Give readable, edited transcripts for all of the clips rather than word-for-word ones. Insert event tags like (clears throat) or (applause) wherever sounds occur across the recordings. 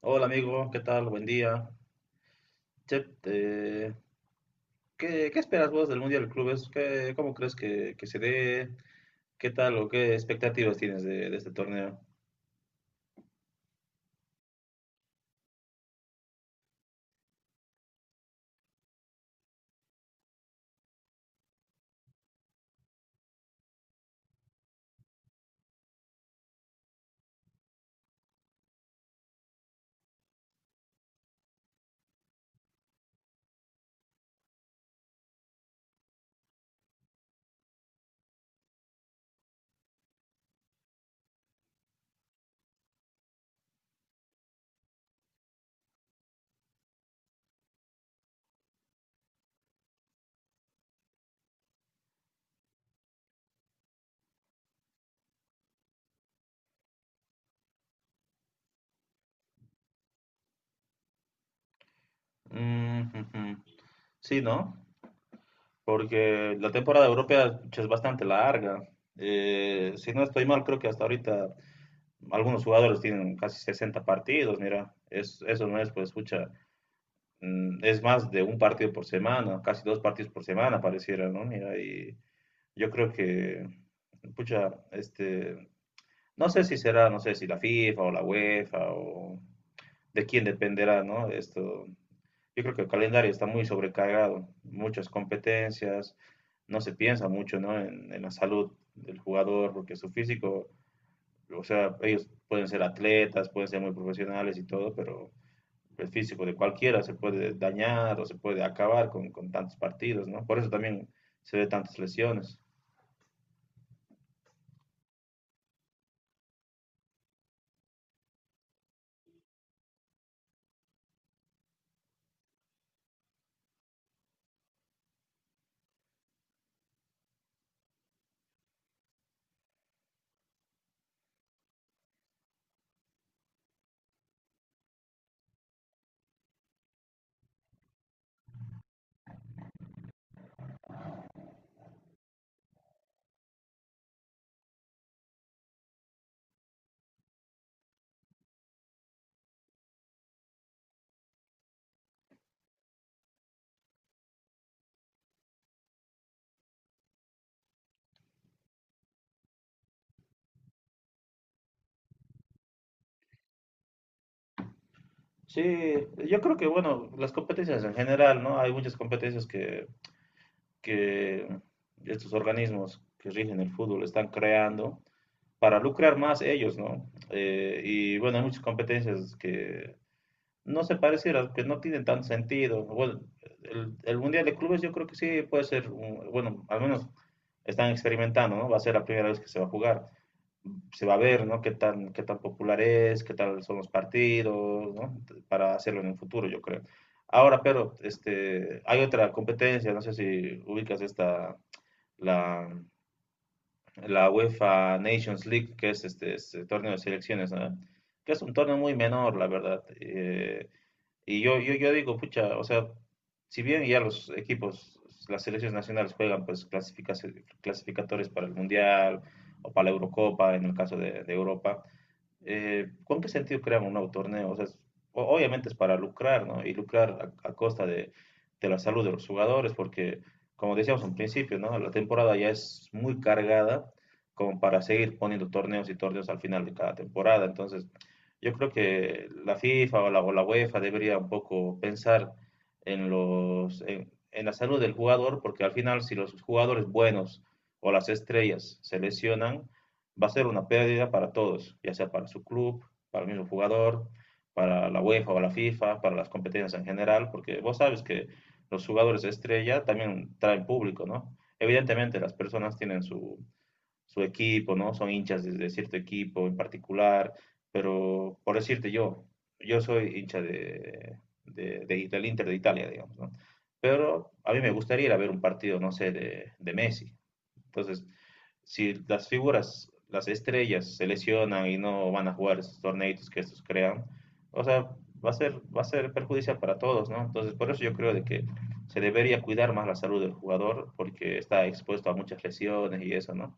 Hola amigo, ¿qué tal? Buen día. Che, ¿qué esperas vos del Mundial de Clubes? ¿Qué, cómo crees que se dé? ¿Qué tal o qué expectativas tienes de este torneo? Mm, ujú. Sí, ¿no? Porque la temporada europea che, es bastante larga. Si no estoy mal, creo que hasta ahorita algunos jugadores tienen casi 60 partidos, mira, es, eso no es, pues, escucha, es más de un partido por semana, casi dos partidos por semana pareciera, ¿no? Mira, y... Yo creo que, pucha, no sé si será, no sé si la FIFA o la UEFA o de quién dependerá, ¿no? Esto, yo creo que el calendario está muy sobrecargado, muchas competencias, no se piensa mucho, ¿no? En la salud del jugador, porque su físico, o sea, ellos pueden ser atletas, pueden ser muy profesionales y todo, pero el físico de cualquiera se puede dañar o se puede acabar con tantos partidos, ¿no? Por eso también se ve tantas lesiones. Sí, yo creo que, bueno, las competencias en general, ¿no? Hay muchas competencias que estos organismos que rigen el fútbol están creando para lucrar más ellos, ¿no? Y bueno, hay muchas competencias que no se parecieran, que no tienen tanto sentido. Bueno, el Mundial de Clubes yo creo que sí puede ser, bueno, al menos están experimentando, ¿no? Va a ser la primera vez que se va a jugar se va a ver, ¿no? Qué tan popular es, qué tal son los partidos, ¿no? Para hacerlo en el futuro, yo creo. Ahora, pero, este, hay otra competencia, no sé si ubicas esta, la, la UEFA Nations League, que es este torneo de selecciones, ¿no? Que es un torneo muy menor, la verdad. Y yo digo, pucha, o sea, si bien ya los equipos, las selecciones nacionales juegan pues clasificatorias para el Mundial o para la Eurocopa, en el caso de Europa, ¿con qué sentido crean un nuevo torneo? O sea, obviamente es para lucrar, ¿no? Y lucrar a costa de la salud de los jugadores, porque, como decíamos en principio, ¿no? La temporada ya es muy cargada como para seguir poniendo torneos y torneos al final de cada temporada. Entonces, yo creo que la FIFA o o la UEFA debería un poco pensar en los, en la salud del jugador, porque al final, si los jugadores buenos o las estrellas se lesionan, va a ser una pérdida para todos, ya sea para su club, para el mismo jugador, para la UEFA o la FIFA, para las competencias en general, porque vos sabes que los jugadores estrella también traen público, ¿no? Evidentemente las personas tienen su, su equipo, ¿no? Son hinchas de, cierto equipo en particular, pero por decirte yo, yo soy hincha de, del Inter de Italia, digamos, ¿no? Pero a mí me gustaría ir a ver un partido, no sé, de Messi. Entonces, si las figuras, las estrellas se lesionan y no van a jugar esos torneitos que estos crean, o sea, va a ser perjudicial para todos, ¿no? Entonces, por eso yo creo de que se debería cuidar más la salud del jugador porque está expuesto a muchas lesiones y eso, ¿no?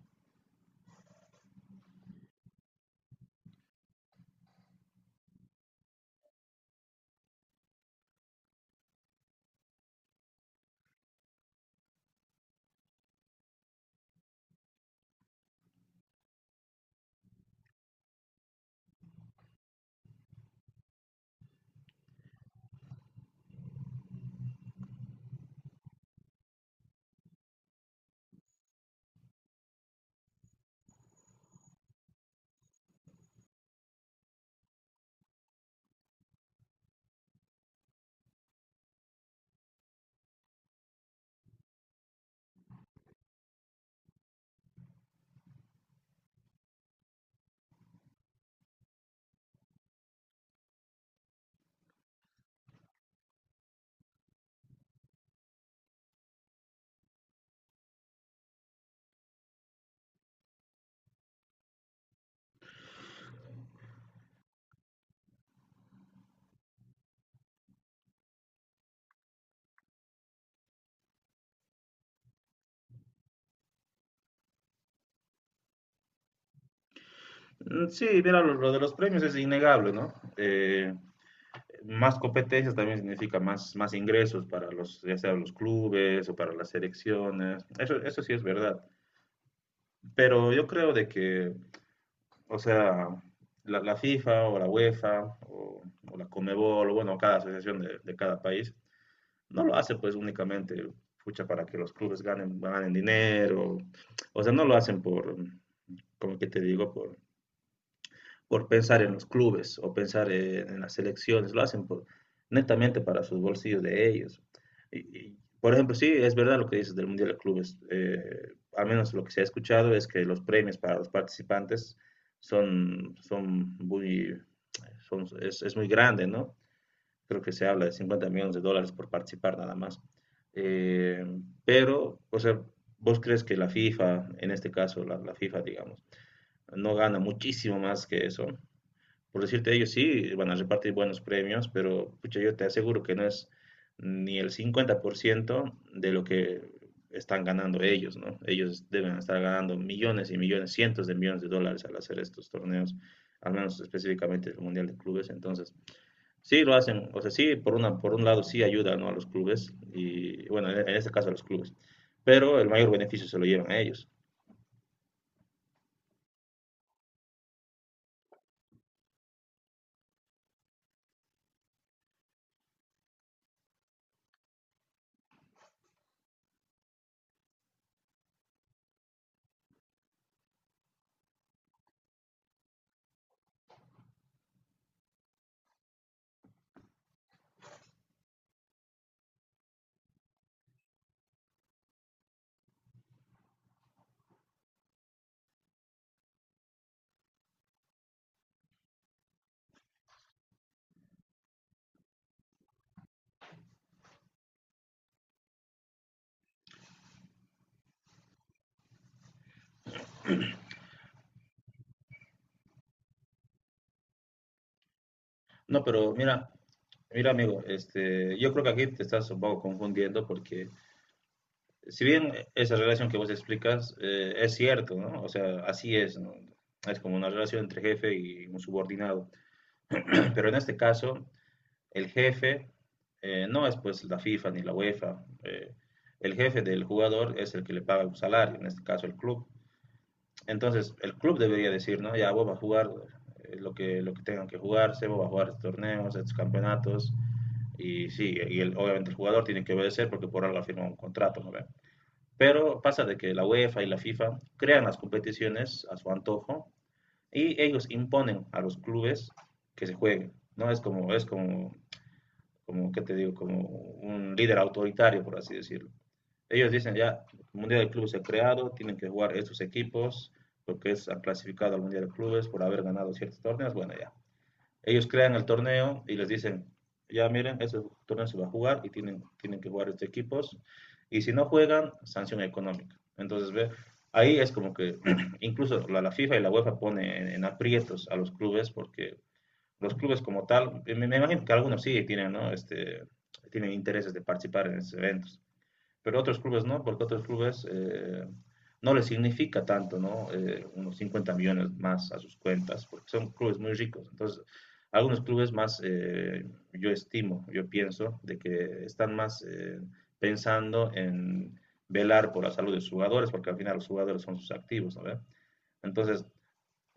Sí, mira, lo de los premios es innegable, ¿no? Más competencias también significa más, más ingresos para los, ya sea los clubes o para las selecciones. Eso sí es verdad. Pero yo creo de que o sea, la FIFA o la UEFA o, o la Conmebol, o bueno, cada asociación de cada país, no lo hace pues únicamente pucha, para que los clubes ganen, ganen dinero. O sea, no lo hacen por, como que te digo, por pensar en los clubes o pensar en las selecciones, lo hacen por, netamente para sus bolsillos de ellos. Por ejemplo, sí, es verdad lo que dices del Mundial de Clubes. Al menos lo que se ha escuchado es que los premios para los participantes son, son muy, son, es muy grande, ¿no? Creo que se habla de 50 millones de dólares por participar nada más. Eh, pero, o sea, ¿vos crees que la FIFA, en este caso la FIFA, digamos, no gana muchísimo más que eso? Por decirte, ellos sí van a repartir buenos premios, pero pucha, yo te aseguro que no es ni el 50% de lo que están ganando ellos, ¿no? Ellos deben estar ganando millones y millones, cientos de millones de dólares al hacer estos torneos, al menos específicamente el Mundial de Clubes. Entonces, sí lo hacen, o sea, sí, por una, por un lado sí ayuda, ¿no? A los clubes, y bueno, en este caso a los clubes, pero el mayor beneficio se lo llevan a ellos. No, pero mira, mira amigo, este, yo creo que aquí te estás un poco confundiendo porque si bien esa relación que vos explicas es cierto, ¿no? O sea, así es, ¿no? Es como una relación entre jefe y un subordinado. (clears throat) Pero en este caso, el jefe no es pues la FIFA ni la UEFA. El jefe del jugador es el que le paga un salario, en este caso el club. Entonces, el club debería decir, ¿no? Ya vos vas a jugar lo que tengan que jugarse, vos vas a jugar estos torneos, estos campeonatos. Y sí, y obviamente el jugador tiene que obedecer porque por algo ha un contrato, ¿no ve? Pero pasa de que la UEFA y la FIFA crean las competiciones a su antojo y ellos imponen a los clubes que se jueguen, ¿no? Como ¿qué te digo? Como un líder autoritario, por así decirlo. Ellos dicen ya, el Mundial de Clubes se ha creado, tienen que jugar estos equipos, porque es, han clasificado al Mundial de Clubes por haber ganado ciertos torneos, bueno, ya. Ellos crean el torneo y les dicen, ya miren, ese torneo se va a jugar y tienen que jugar estos equipos. Y si no juegan, sanción económica. Entonces, ve, ahí es como que (clears throat) incluso la FIFA y la UEFA pone en, aprietos a los clubes porque los clubes como tal, me imagino que algunos sí tienen, ¿no? Este, tienen intereses de participar en esos eventos pero otros clubes no, porque otros clubes no les significa tanto, ¿no? Unos 50 millones más a sus cuentas, porque son clubes muy ricos. Entonces, algunos clubes más, yo estimo, yo pienso, de que están más pensando en velar por la salud de los jugadores, porque al final los jugadores son sus activos, ¿no? Entonces,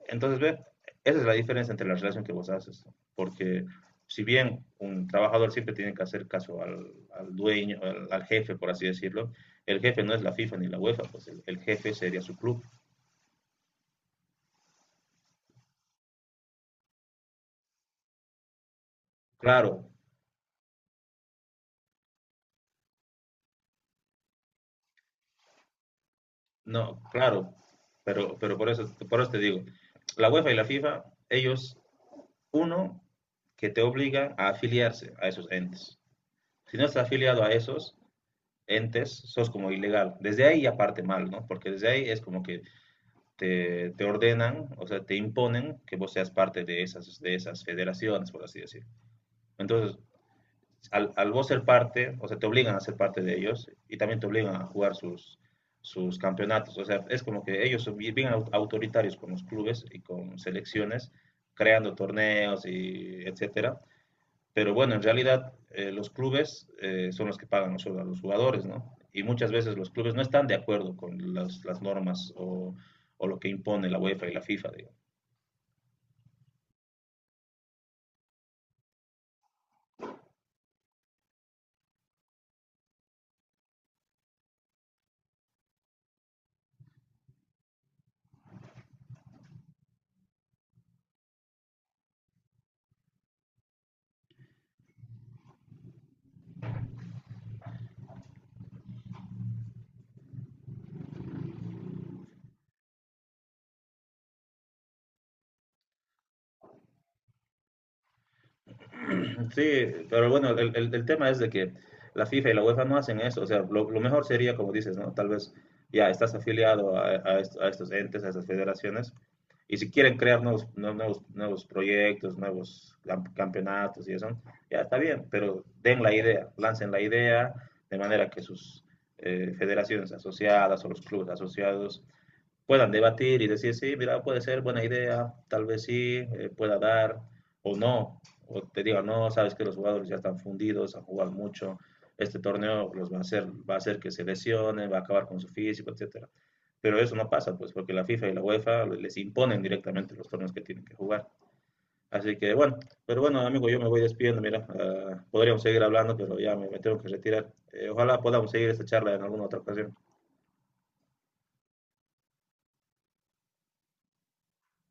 entonces, ve, esa es la diferencia entre la relación que vos haces, porque si bien un trabajador siempre tiene que hacer caso al, al dueño, al, al, jefe, por así decirlo, el jefe no es la FIFA ni la UEFA, pues el jefe sería su club. Claro, no, claro, pero por eso te digo, la UEFA y la FIFA, ellos, uno, que te obliga a afiliarse a esos entes. Si no estás afiliado a esos entes, sos como ilegal. Desde ahí ya parte mal, ¿no? Porque desde ahí es como que te ordenan, o sea, te imponen que vos seas parte de esas federaciones, por así decir. Entonces, al vos ser parte, o sea, te obligan a ser parte de ellos y también te obligan a jugar sus, sus campeonatos. O sea, es como que ellos son bien autoritarios con los clubes y con selecciones, creando torneos y etcétera. Pero bueno, en realidad los clubes son los que pagan los sueldos a los jugadores, ¿no? Y muchas veces los clubes no están de acuerdo con las normas o, lo que impone la UEFA y la FIFA. Digamos. Sí, pero bueno, el tema es de que la FIFA y la UEFA no hacen eso. O sea, lo mejor sería, como dices, ¿no? Tal vez ya estás afiliado a, a estos entes, a estas federaciones, y si quieren crear nuevos, nuevos proyectos, campeonatos y eso, ya está bien, pero den la idea, lancen la idea de manera que sus federaciones asociadas o los clubes asociados puedan debatir y decir, sí, mira, puede ser buena idea, tal vez sí, pueda dar o no, o te diga, no, sabes que los jugadores ya están fundidos, han jugado mucho, este torneo los va a hacer que se lesionen, va a acabar con su físico, etcétera. Pero eso no pasa, pues, porque la FIFA y la UEFA les imponen directamente los torneos que tienen que jugar. Así que, bueno, pero bueno, amigo, yo me voy despidiendo, mira, podríamos seguir hablando, pero ya me tengo que retirar. Ojalá podamos seguir esta charla en alguna otra ocasión.